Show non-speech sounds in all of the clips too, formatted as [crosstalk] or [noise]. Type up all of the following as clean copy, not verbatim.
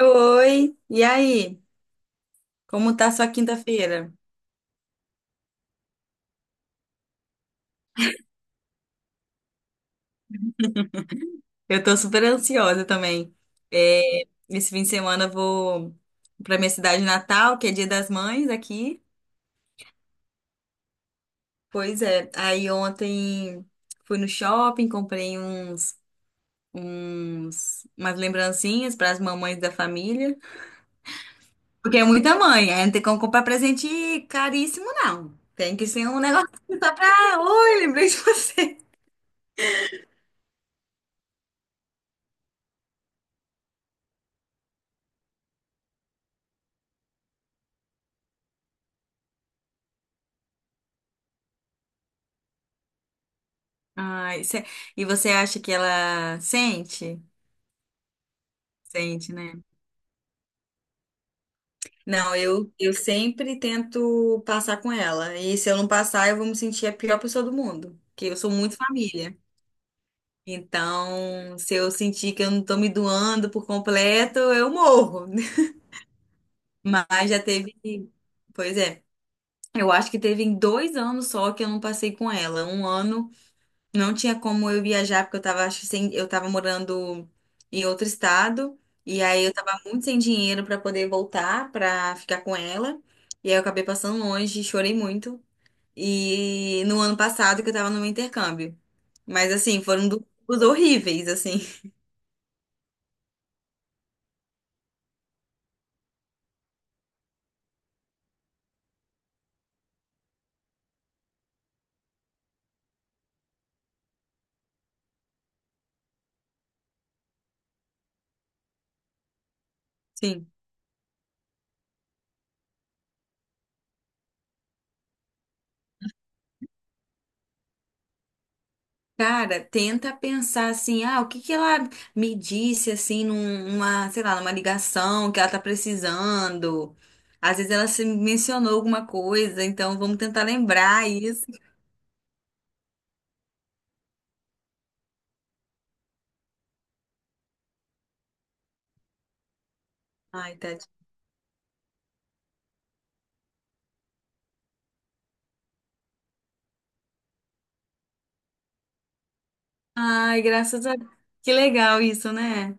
Oi, e aí? Como tá sua quinta-feira? Eu tô super ansiosa também. É, esse fim de semana eu vou pra minha cidade natal, que é Dia das Mães aqui. Pois é, aí ontem fui no shopping, comprei uns, umas lembrancinhas para as mamães da família, porque é muita mãe, aí não tem como comprar presente caríssimo, não. Tem que ser um negócio só pra... Oi, lembrei de você. Ai, cê- e você acha que ela sente? Sente, né? Não, eu sempre tento passar com ela. E se eu não passar, eu vou me sentir a pior pessoa do mundo. Porque eu sou muito família. Então, se eu sentir que eu não tô me doando por completo, eu morro. [laughs] Mas já teve. Pois é. Eu acho que teve em dois anos só que eu não passei com ela. Um ano. Não tinha como eu viajar, porque eu tava, acho que sem, eu tava morando em outro estado, e aí eu tava muito sem dinheiro pra poder voltar, pra ficar com ela. E aí eu acabei passando longe, chorei muito. E no ano passado que eu tava no meu intercâmbio. Mas assim, foram duas horríveis, assim. [laughs] Sim. Cara, tenta pensar assim, ah, o que que ela me disse assim numa, sei lá, numa ligação que ela tá precisando. Às vezes ela se mencionou alguma coisa, então vamos tentar lembrar isso. Ai, tadinha. Ai, graças a Deus. Que legal isso, né?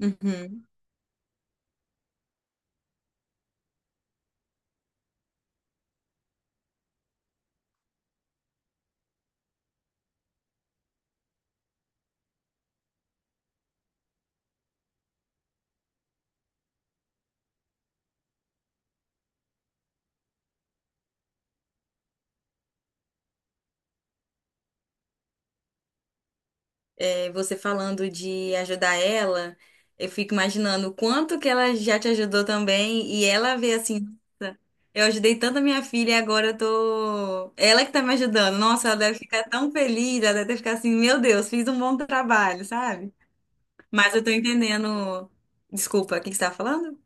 Uhum. É, você falando de ajudar ela, eu fico imaginando o quanto que ela já te ajudou também, e ela vê assim, nossa, eu ajudei tanto a minha filha e agora eu tô. Ela que tá me ajudando. Nossa, ela deve ficar tão feliz, ela deve ficar assim, meu Deus, fiz um bom trabalho, sabe? Mas eu tô entendendo. Desculpa, o que que você tá falando?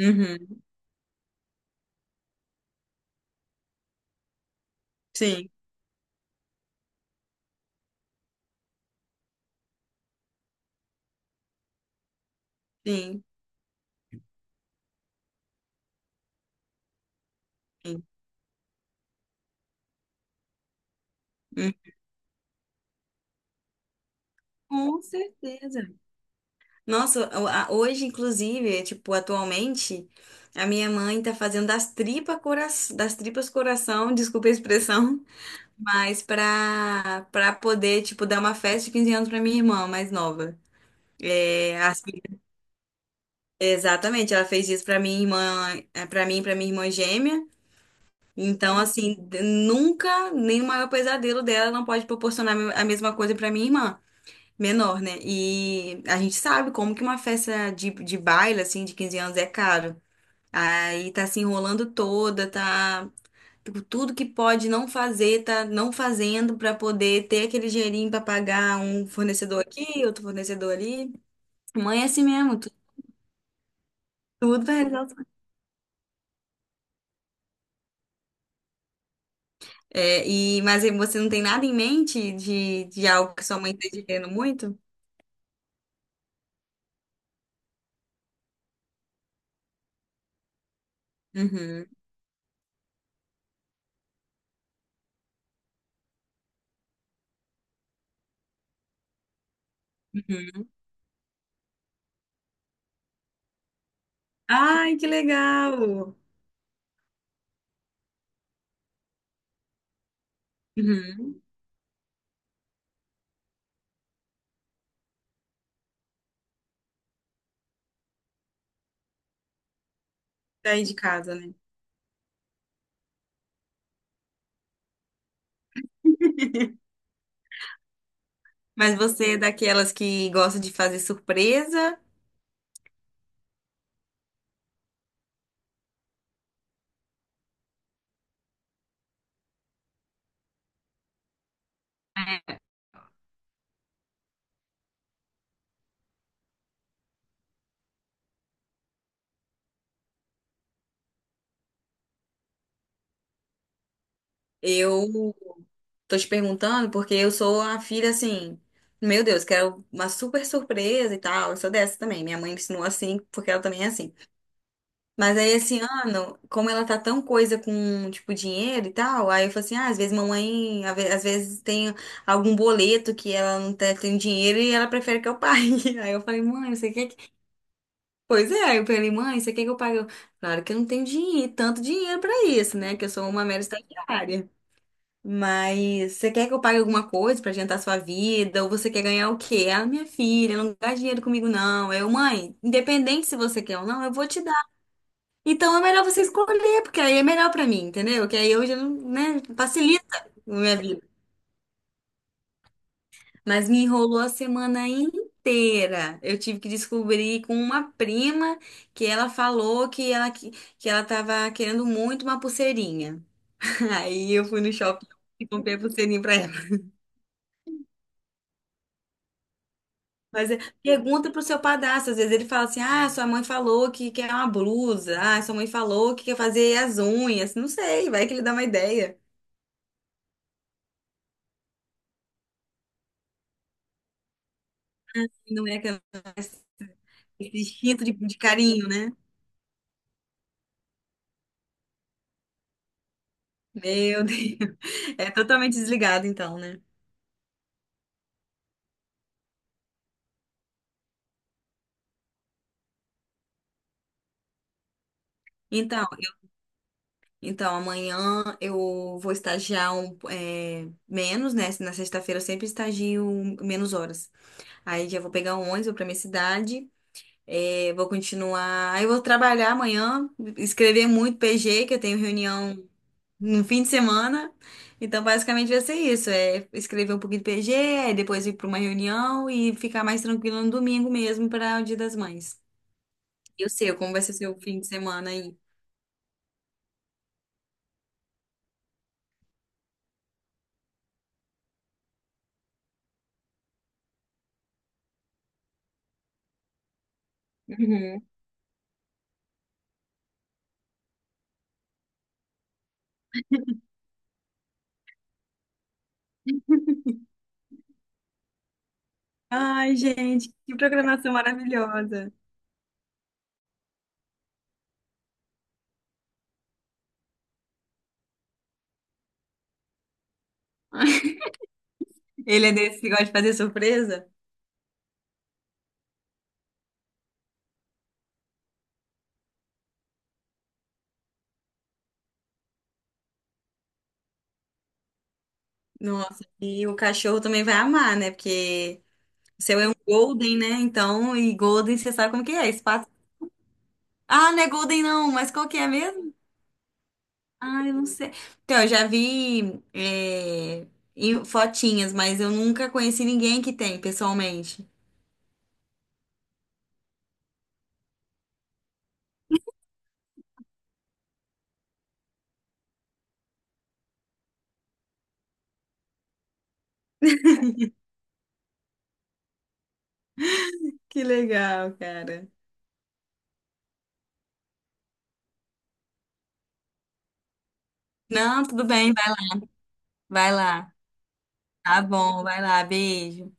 Uhum. Sim, sim, sim. Uhum. Com certeza. Nossa, hoje, inclusive, é, tipo, atualmente, a minha mãe tá fazendo das tripas coração, [laughs] desculpa a expressão, [laughs] mas pra, pra poder, tipo, dar uma festa de 15 anos pra minha irmã mais nova. É, as- Exatamente, ela fez isso pra minha irmã, é, pra mim, e pra minha irmã gêmea. Então, assim, nunca, nem o maior pesadelo dela não pode proporcionar a mesma coisa pra minha irmã menor, né? E a gente sabe como que uma festa de baile, assim, de 15 anos é caro. Aí tá se enrolando toda, tá. Tipo, tudo que pode não fazer, tá não fazendo pra poder ter aquele dinheirinho pra pagar um fornecedor aqui, outro fornecedor ali. Mãe é assim mesmo, tudo vai resolver. É, e, mas aí você não tem nada em mente de algo que sua mãe esteja querendo muito? Uhum, uhum. Ai, que legal! Uhum. Daí de casa, né? Mas você é daquelas que gosta de fazer surpresa? Eu tô te perguntando porque eu sou a filha assim, meu Deus, quero uma super surpresa e tal. Eu sou dessa também. Minha mãe me ensinou assim, porque ela também é assim. Mas aí esse ano, como ela tá tão coisa com, tipo, dinheiro e tal, aí eu falei assim: ah, às vezes mamãe, às vezes tem algum boleto que ela não tá- tem dinheiro e ela prefere que eu pague. [laughs] Aí eu falei, mãe, você quer. Pois é, aí eu falei, mãe, você quer que eu pague? Eu, claro que eu não tenho dinheiro, tanto dinheiro pra isso, né? Que eu sou uma mera estagiária. Mas você quer que eu pague alguma coisa pra adiantar a sua vida? Ou você quer ganhar o quê? Ah, minha filha, não gasta dinheiro comigo, não. Eu, mãe, independente se você quer ou não, eu vou te dar. Então é melhor você escolher, porque aí é melhor pra mim, entendeu? Que aí hoje, né, facilita a minha vida. Mas me enrolou a semana inteira. Eu tive que descobrir com uma prima que ela falou que ela tava querendo muito uma pulseirinha. [laughs] Aí eu fui no shopping e comprei a pulseirinha pra ela. Mas é, pergunta pro seu padrasto. Às vezes ele fala assim: ah, sua mãe falou que quer uma blusa. Ah, sua mãe falou que quer fazer as unhas. Não sei, vai que ele dá uma ideia. Não é aquele Esse instinto de carinho, né? Meu Deus. [laughs] É totalmente desligado, então, né? Então. Então, amanhã eu vou estagiar um, é, menos, né? Na sexta-feira eu sempre estagio menos horas. Aí já vou pegar um ônibus, vou pra minha cidade, é, vou continuar. Aí eu vou trabalhar amanhã, escrever muito PG, que eu tenho reunião no fim de semana. Então, basicamente vai ser isso: é escrever um pouquinho de PG, aí depois ir pra uma reunião e ficar mais tranquilo no domingo mesmo para o Dia das Mães. Eu sei como vai ser seu fim de semana aí. Uhum. Ai, gente, que programação maravilhosa. Ele é desse que gosta de fazer surpresa? Nossa, e o cachorro também vai amar, né? Porque o seu é um golden, né? Então, e golden, você sabe como que é? Espaço... Ah, não é golden não, mas qual que é mesmo? Ah, eu não sei. Então, eu já vi é, em fotinhas, mas eu nunca conheci ninguém que tem, pessoalmente. Que legal, cara. Não, tudo bem, vai. Vai lá. Tá bom, vai lá, beijo.